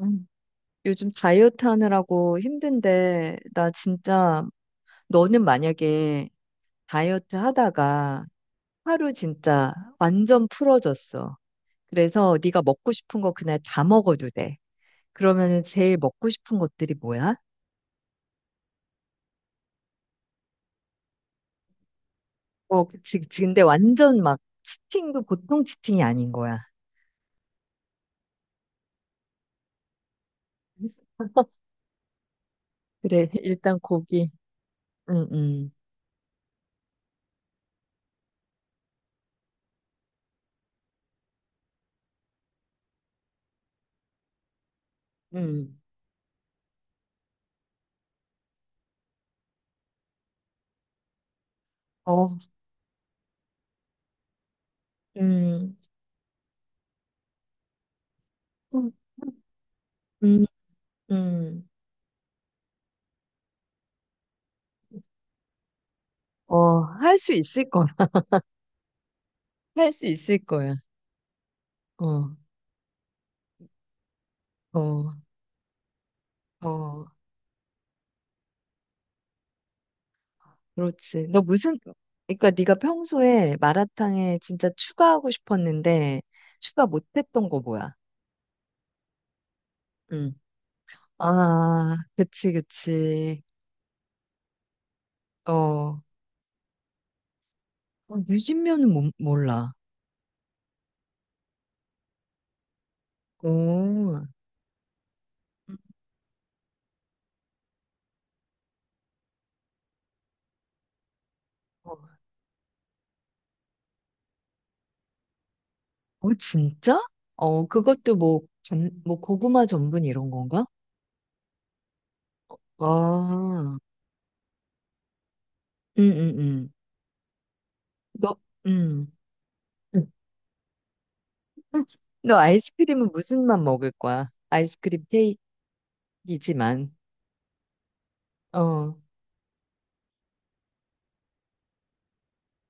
음. 요즘 다이어트 하느라고 힘든데, 나 진짜, 너는 만약에 다이어트 하다가 하루 진짜 완전 풀어졌어. 그래서 네가 먹고 싶은 거 그날 다 먹어도 돼. 그러면은 제일 먹고 싶은 것들이 뭐야? 근데 완전 막 치팅도 보통 치팅이 아닌 거야. 그래, 일단 고기. 음, 음, 음. 어, 음, 음, 음. 어, 할 수 있을 거야. 할 수 있을 거야. 어, 어, 어, 그렇지. 그러니까 네가 평소에 마라탕에 진짜 추가하고 싶었는데 추가 못했던 거 뭐야? 응. 아, 그치, 그치. 어, 어, 유진면은 몰라. 어, 어, 어, 진짜? 어, 그것도 뭐, 뭐 고구마 전분 이런 건가? 아, 응, 응, 응. 너, 응. 너 아이스크림은 무슨 맛 먹을 거야? 아이스크림 케이크? 이지만, 어,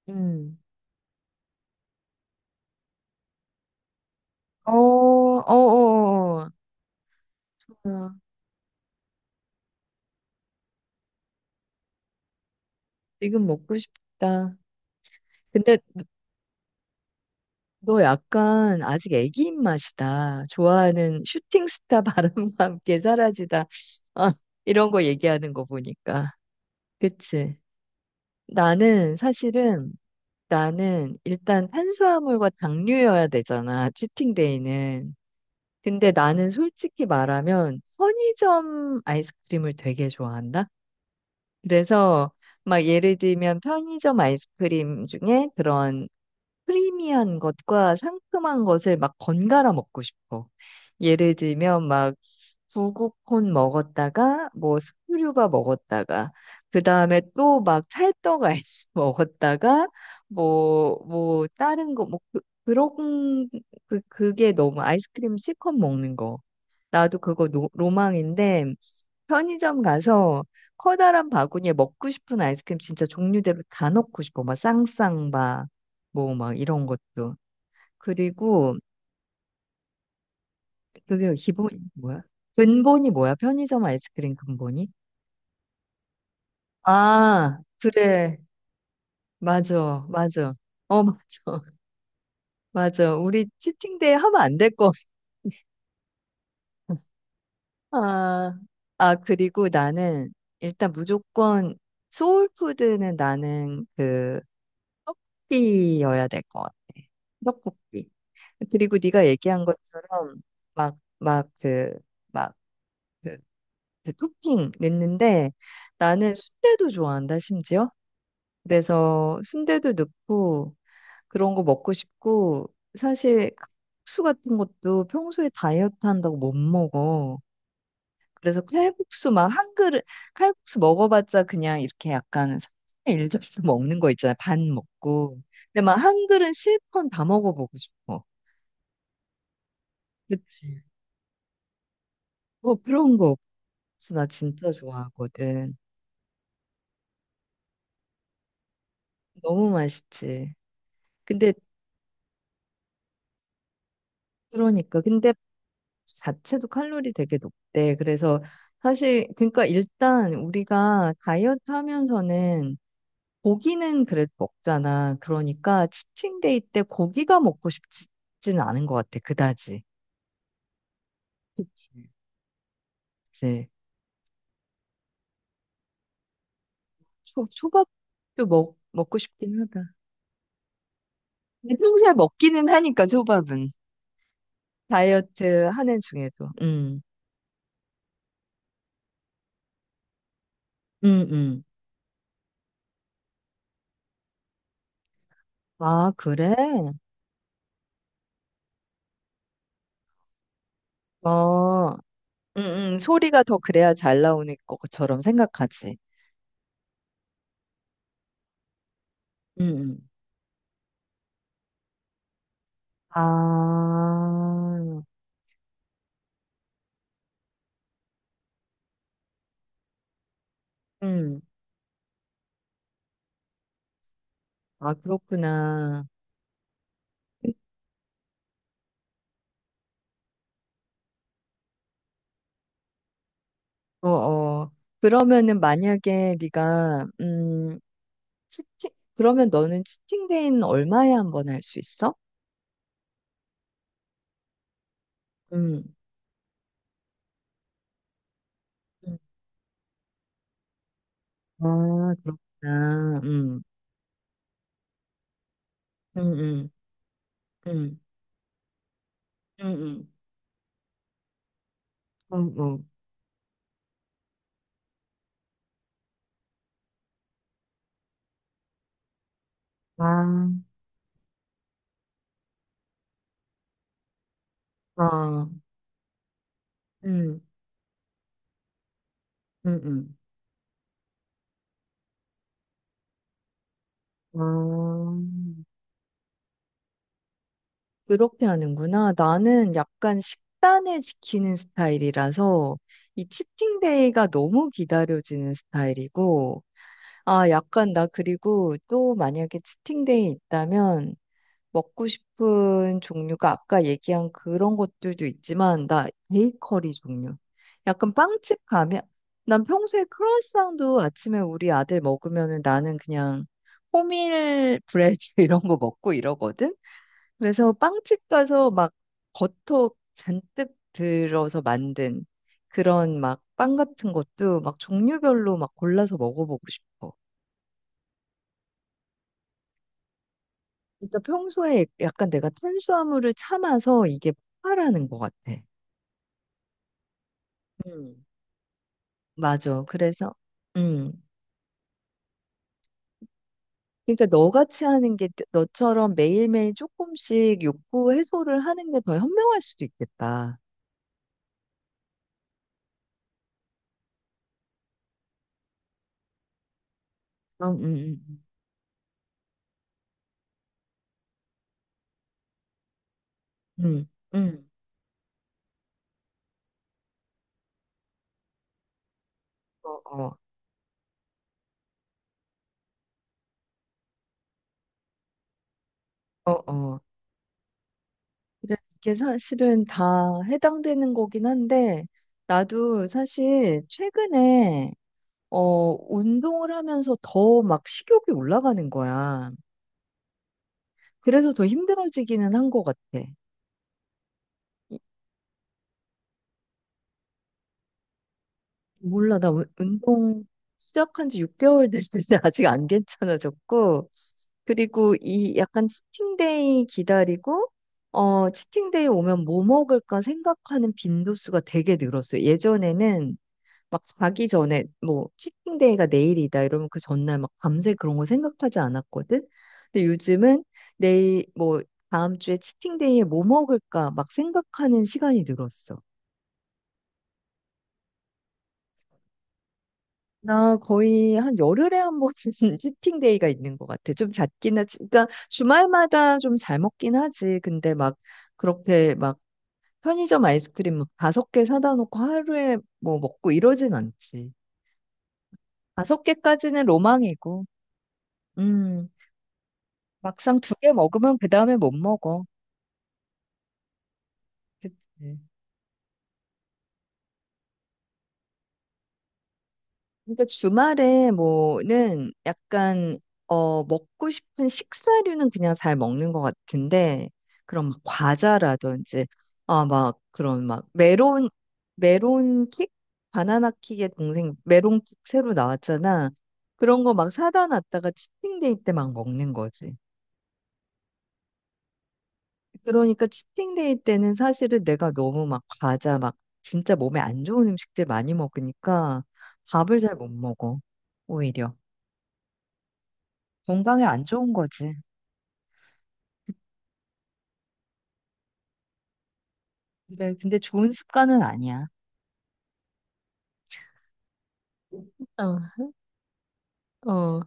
음, 어, 어, 어, 어, 어. 지금 먹고 싶다. 근데 너 약간 아직 애기 입맛이다. 좋아하는 슈팅스타 바람과 함께 사라지다. 아, 이런 거 얘기하는 거 보니까. 그치? 나는 사실은 나는 일단 탄수화물과 당류여야 되잖아. 치팅데이는. 근데 나는 솔직히 말하면 편의점 아이스크림을 되게 좋아한다. 그래서 막 예를 들면 편의점 아이스크림 중에 그런 크리미한 것과 상큼한 것을 막 번갈아 먹고 싶어. 예를 들면 막 구구콘 먹었다가 뭐 스크류바 먹었다가 그 다음에 또 막 찰떡 아이스 먹었다가 뭐 다른 거 뭐 그런 그 그게 너무 아이스크림 실컷 먹는 거. 나도 그거 로망인데 편의점 가서 커다란 바구니에 먹고 싶은 아이스크림 진짜 종류대로 다 넣고 싶어. 막 쌍쌍바, 뭐 막 이런 것도. 그리고 그게 기본이 뭐야? 근본이 뭐야? 편의점 아이스크림 근본이? 아, 그래. 맞아, 맞아. 어, 맞아. 맞아. 우리 치팅데이 하면 안 될 거. 아, 아, 그리고 나는 일단 무조건 소울푸드는 나는 그 떡볶이여야 될 것 같아. 떡볶이. 그리고 네가 얘기한 것처럼 막 그막그 그 토핑 넣는데 나는 순대도 좋아한다 심지어. 그래서 순대도 넣고 그런 거 먹고 싶고 사실 그 국수 같은 것도 평소에 다이어트 한다고 못 먹어. 그래서 칼국수 막 한 그릇 칼국수 먹어봤자 그냥 이렇게 약간 3분의 1 접수 먹는 거 있잖아. 반 먹고. 근데 막 한 그릇 실컷 다 먹어보고 싶어. 그치? 뭐 그런 거 없어. 나 진짜 좋아하거든. 너무 맛있지. 근데 그러니까 근데 자체도 칼로리 되게 높대. 그래서 사실 그러니까 일단 우리가 다이어트 하면서는 고기는 그래도 먹잖아. 그러니까 치팅데이 때 고기가 먹고 싶지는 않은 것 같아. 그다지. 그치. 이제 초밥도 먹고 싶긴 하다. 근데 평소에 먹기는 하니까 초밥은 다이어트 하는 중에도. 음, 음. 아, 그래? 어, 음, 소리가 더 그래야 잘 나오는 것처럼 생각하지. 음, 음. 아, 음. 아, 그렇구나. 어, 어. 그러면은 만약에 네가 치팅 그러면 너는 치팅데이는 얼마에 한번 할 수 있어? 음. 음. 아, 그렇구나. 음. 음, 음. 음. 음, 음. 음, 음. 아. 아. 음. 음, 음. 아. 그렇게 하는구나. 나는 약간 식단을 지키는 스타일이라서 이 치팅데이가 너무 기다려지는 스타일이고 아, 약간 나 그리고 또 만약에 치팅데이 있다면 먹고 싶은 종류가 아까 얘기한 그런 것들도 있지만 나 베이커리 종류. 약간 빵집 가면 난 평소에 크루아상도 아침에 우리 아들 먹으면은 나는 그냥 호밀 브레드 이런 거 먹고 이러거든. 그래서 빵집 가서 막 버터 잔뜩 들어서 만든 그런 막 빵 같은 것도 막 종류별로 막 골라서 먹어보고 싶어. 일단 평소에 약간 내가 탄수화물을 참아서 이게 폭발하는 것 같아. 음. 맞아. 그래서, 음. 그러니까 너같이 하는 게 너처럼 매일매일 조금씩 욕구 해소를 하는 게 더 현명할 수도 있겠다. 음, 음, 음, 음, 음. 어, 어, 어, 어. 그래, 이게 사실은 다 해당되는 거긴 한데, 나도 사실 최근에, 운동을 하면서 더 막 식욕이 올라가는 거야. 그래서 더 힘들어지기는 한 것 같아. 이- 몰라, 나 운동 시작한 지 6개월 됐는데 아직 안 괜찮아졌고, 그리고 이 약간 치팅데이 기다리고, 어, 치팅데이 오면 뭐 먹을까 생각하는 빈도수가 되게 늘었어요. 예전에는 막 자기 전에 뭐 치팅데이가 내일이다 이러면 그 전날 막 밤새 그런 거 생각하지 않았거든. 근데 요즘은 내일 뭐 다음 주에 치팅데이에 뭐 먹을까 막 생각하는 시간이 늘었어. 나 거의 한 열흘에 한 번 치팅 데이가 있는 것 같아. 좀 잦긴 하지. 그러니까 주말마다 좀 잘 먹긴 하지. 근데 막 그렇게 막 편의점 아이스크림 막 5개 사다 놓고 하루에 뭐 먹고 이러진 않지. 5개까지는 로망이고, 음, 막상 2개 먹으면 그 다음에 못 먹어. 그치. 그러니까 주말에 뭐는 약간 먹고 싶은 식사류는 그냥 잘 먹는 것 같은데 그런 막 과자라든지 아 막 그런 막 메론 킥 바나나 킥의 동생 메론 킥 새로 나왔잖아. 그런 거 막 사다 놨다가 치팅데이 때 막 먹는 거지. 그러니까 치팅데이 때는 사실은 내가 너무 막 과자 막 진짜 몸에 안 좋은 음식들 많이 먹으니까 밥을 잘 못 먹어, 오히려 건강에 안 좋은 거지. 그래, 근데 좋은 습관은 아니야. 어, 어,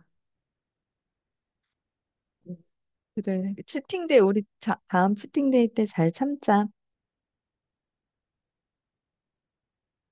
그래. 치팅데이, 우리 다음 치팅데이 때 잘 참자.